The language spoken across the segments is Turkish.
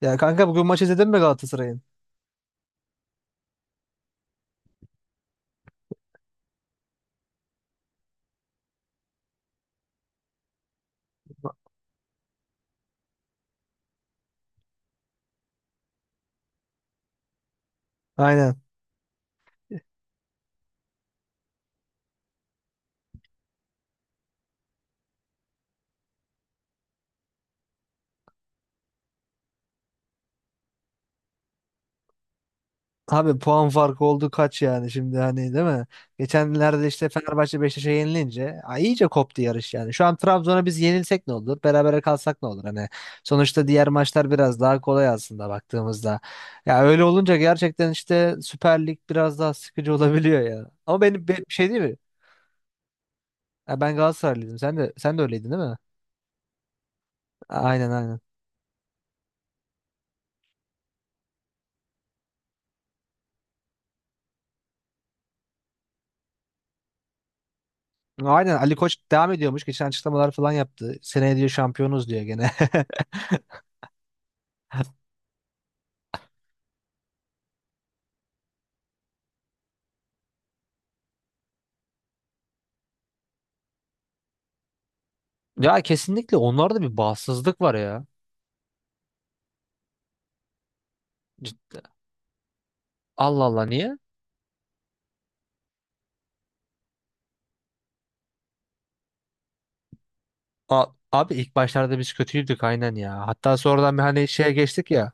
Ya kanka bugün maç izledin mi Galatasaray'ın? Aynen. Abi puan farkı oldu kaç yani şimdi hani değil mi? Geçenlerde işte Fenerbahçe Beşiktaş'a yenilince ay iyice koptu yarış yani. Şu an Trabzon'a biz yenilsek ne olur? Berabere kalsak ne olur? Hani sonuçta diğer maçlar biraz daha kolay aslında baktığımızda. Ya öyle olunca gerçekten işte Süper Lig biraz daha sıkıcı olabiliyor ya. Ama benim bir şey değil mi? Ya ben Galatasaraylıydım. Sen de öyleydin değil mi? Aynen aynen. Aynen Ali Koç devam ediyormuş. Geçen açıklamalar falan yaptı. Seneye diyor şampiyonuz diyor gene. Ya kesinlikle onlarda bir bağımsızlık var ya. Cid- Allah Allah niye? A- Abi ilk başlarda biz kötüydük aynen ya. Hatta sonradan bir hani şeye geçtik ya.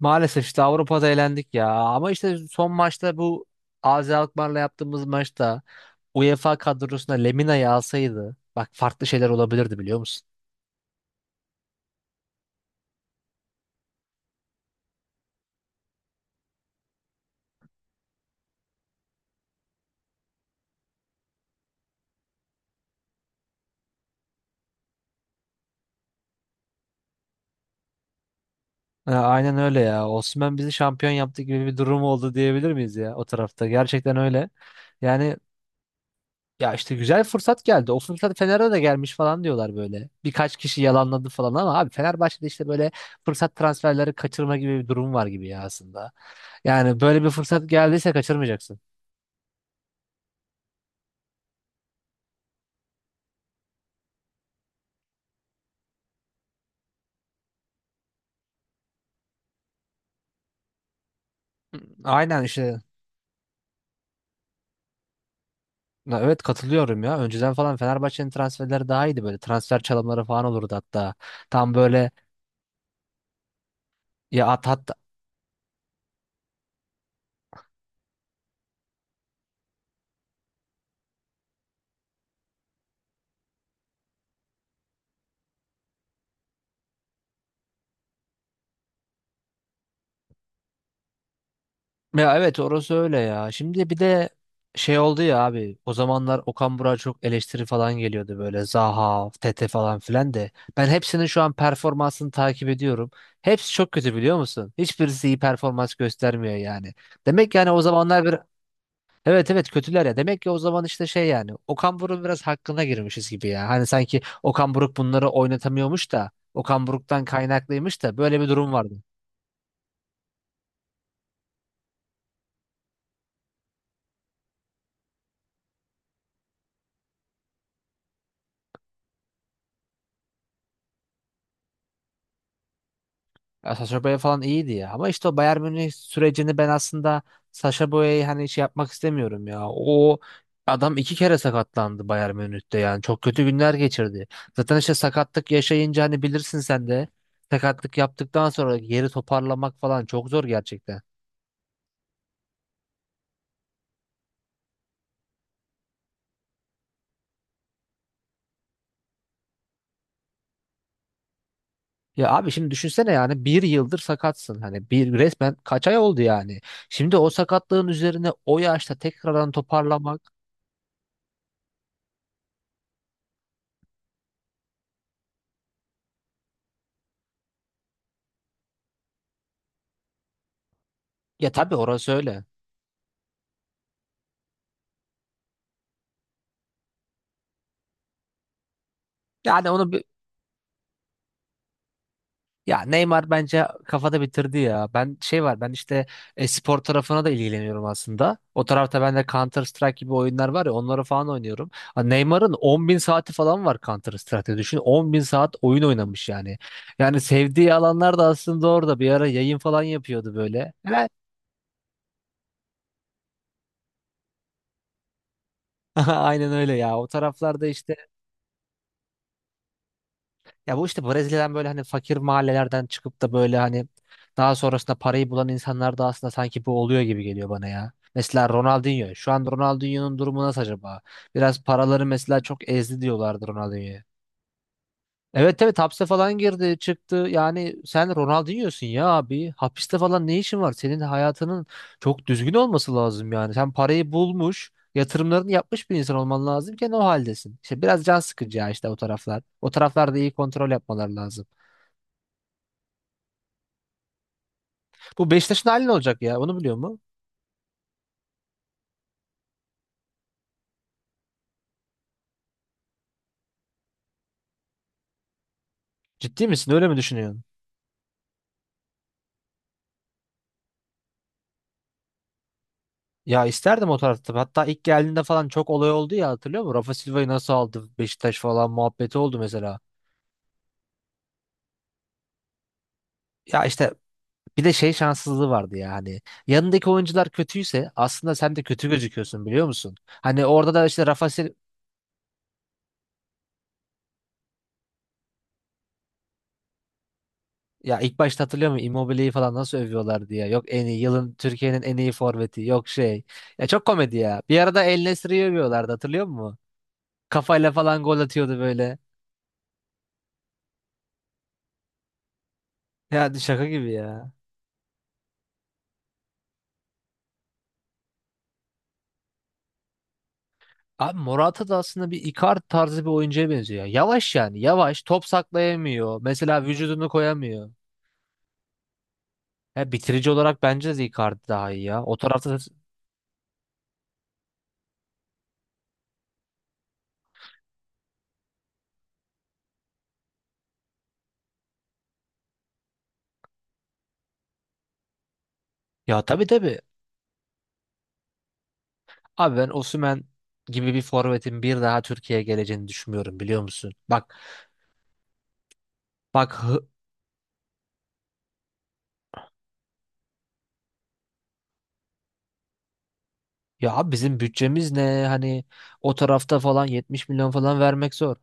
Maalesef işte Avrupa'da elendik ya. Ama işte son maçta bu AZ Alkmaar'la yaptığımız maçta UEFA kadrosuna Lemina'yı alsaydı bak farklı şeyler olabilirdi biliyor musun? Ha, aynen öyle ya. Osimhen bizi şampiyon yaptı gibi bir durum oldu diyebilir miyiz ya o tarafta? Gerçekten öyle. Yani ya işte güzel fırsat geldi. O fırsat Fener'e de gelmiş falan diyorlar böyle. Birkaç kişi yalanladı falan ama abi Fenerbahçe'de işte böyle fırsat transferleri kaçırma gibi bir durum var gibi ya aslında. Yani böyle bir fırsat geldiyse kaçırmayacaksın. Aynen işte. Ya evet katılıyorum ya. Önceden falan Fenerbahçe'nin transferleri daha iyiydi böyle. Transfer çalımları falan olurdu hatta. Tam böyle ya at. Ya evet orası öyle ya. Şimdi bir de şey oldu ya abi. O zamanlar Okan Burak'a çok eleştiri falan geliyordu böyle. Zaha, Tete falan filan de. Ben hepsinin şu an performansını takip ediyorum. Hepsi çok kötü biliyor musun? Hiçbirisi iyi performans göstermiyor yani. Demek yani o zamanlar bir evet evet kötüler ya. Demek ki o zaman işte şey yani Okan Buruk'un biraz hakkına girmişiz gibi ya. Hani sanki Okan Buruk bunları oynatamıyormuş da Okan Buruk'tan kaynaklıymış da böyle bir durum vardı. Ya Sacha Boey falan iyiydi ya. Ama işte o Bayern Münih sürecini ben aslında Sacha Boey'e hani şey yapmak istemiyorum ya. O adam iki kere sakatlandı Bayern Münih'te yani. Çok kötü günler geçirdi. Zaten işte sakatlık yaşayınca hani bilirsin sen de. Sakatlık yaptıktan sonra geri toparlamak falan çok zor gerçekten. Ya abi şimdi düşünsene yani bir yıldır sakatsın. Hani bir resmen kaç ay oldu yani. Şimdi o sakatlığın üzerine o yaşta tekrardan toparlamak. Ya tabii orası öyle. Yani onu ya Neymar bence kafada bitirdi ya. Ben şey var ben işte spor tarafına da ilgileniyorum aslında. O tarafta ben de Counter Strike gibi oyunlar var ya onları falan oynuyorum. Ha, Neymar'ın 10 bin saati falan var Counter Strike'de. Düşün 10 bin saat oyun oynamış yani. Yani sevdiği alanlar da aslında orada bir ara yayın falan yapıyordu böyle. Helal. Aynen öyle ya. O taraflarda işte ya bu işte Brezilya'dan böyle hani fakir mahallelerden çıkıp da böyle hani daha sonrasında parayı bulan insanlar da aslında sanki bu oluyor gibi geliyor bana ya. Mesela Ronaldinho. Şu an Ronaldinho'nun durumu nasıl acaba? Biraz paraları mesela çok ezdi diyorlardı Ronaldinho'ya. Evet evet hapse falan girdi çıktı. Yani sen Ronaldinho'sun ya abi. Hapiste falan ne işin var? Senin hayatının çok düzgün olması lazım yani. Sen parayı bulmuş, yatırımlarını yapmış bir insan olman lazımken o haldesin. İşte biraz can sıkıcı ya işte o taraflar. O taraflarda iyi kontrol yapmaları lazım. Bu Beşiktaş'ın hali ne olacak ya? Onu biliyor mu? Ciddi misin? Öyle mi düşünüyorsun? Ya isterdim o tarafta. Hatta ilk geldiğinde falan çok olay oldu ya hatırlıyor musun? Rafa Silva'yı nasıl aldı Beşiktaş falan muhabbeti oldu mesela. Ya işte bir de şey şanssızlığı vardı ya hani. Yanındaki oyuncular kötüyse aslında sen de kötü gözüküyorsun biliyor musun? Hani orada da işte Rafa Sil ya ilk başta hatırlıyor musun? Immobile'yi falan nasıl övüyorlar diye. Yok en iyi yılın Türkiye'nin en iyi forveti. Yok şey. Ya çok komedi ya. Bir arada El Nesri'yi övüyorlardı hatırlıyor musun? Kafayla falan gol atıyordu böyle. Yani şaka gibi ya. Abi Morata da aslında bir Icardi tarzı bir oyuncuya benziyor. Yavaş yani yavaş top saklayamıyor. Mesela vücudunu koyamıyor. Ya bitirici olarak bence de Icardi daha iyi ya. O tarafta da... Ya tabii tabii. Abi ben Osimhen gibi bir forvetin bir daha Türkiye'ye geleceğini düşünmüyorum biliyor musun? Bak hı- Ya abi bizim bütçemiz ne? Hani o tarafta falan 70 milyon falan vermek zor.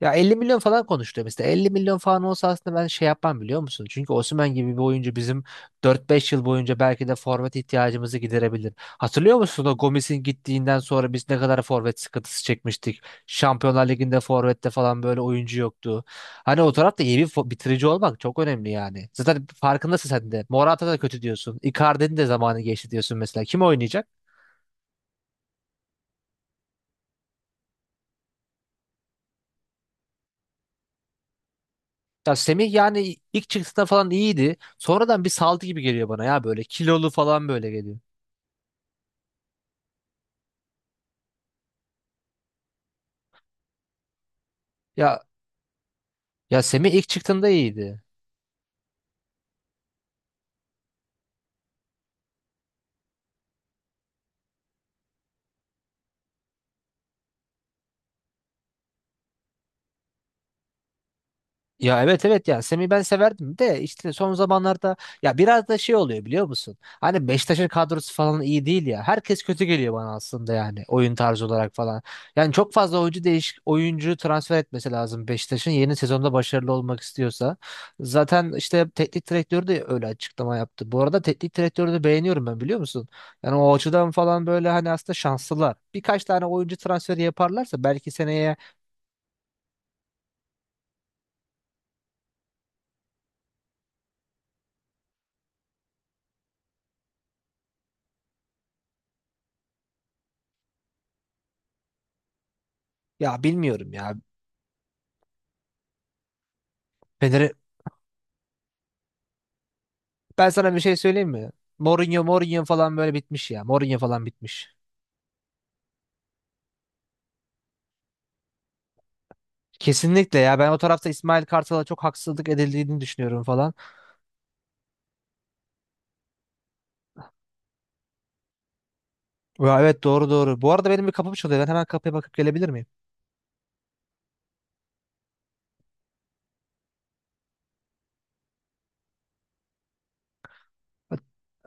Ya 50 milyon falan konuştu mesela. 50 milyon falan olsa aslında ben şey yapmam biliyor musun? Çünkü Osimhen gibi bir oyuncu bizim 4 5 yıl boyunca belki de forvet ihtiyacımızı giderebilir. Hatırlıyor musun o Gomis'in gittiğinden sonra biz ne kadar forvet sıkıntısı çekmiştik? Şampiyonlar Ligi'nde forvette falan böyle oyuncu yoktu. Hani o tarafta iyi bir bitirici olmak çok önemli yani. Zaten farkındasın sen de. Morata da kötü diyorsun. Icardi'nin de zamanı geçti diyorsun mesela. Kim oynayacak? Ya Semih yani ilk çıktığında falan iyiydi. Sonradan bir saldı gibi geliyor bana ya böyle kilolu falan böyle geliyor. Ya ya Semih ilk çıktığında iyiydi. Ya evet evet ya Semih ben severdim de işte son zamanlarda ya biraz da şey oluyor biliyor musun? Hani Beşiktaş'ın kadrosu falan iyi değil ya. Herkes kötü geliyor bana aslında yani oyun tarzı olarak falan. Yani çok fazla oyuncu değiş oyuncu transfer etmesi lazım Beşiktaş'ın yeni sezonda başarılı olmak istiyorsa. Zaten işte teknik direktörü de öyle açıklama yaptı. Bu arada teknik direktörü de beğeniyorum ben biliyor musun? Yani o açıdan falan böyle hani aslında şanslılar. Birkaç tane oyuncu transferi yaparlarsa belki seneye ya bilmiyorum ya. Ben sana bir şey söyleyeyim mi? Mourinho falan böyle bitmiş ya. Mourinho falan bitmiş. Kesinlikle ya. Ben o tarafta İsmail Kartal'a çok haksızlık edildiğini düşünüyorum falan. Ya evet doğru doğru. Bu arada benim bir kapım çalıyor. Ben hemen kapıya bakıp gelebilir miyim?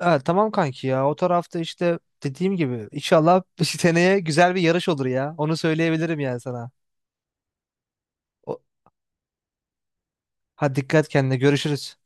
Evet tamam kanki ya. O tarafta işte dediğim gibi inşallah seneye güzel bir yarış olur ya. Onu söyleyebilirim yani sana. O... Hadi dikkat kendine. Görüşürüz.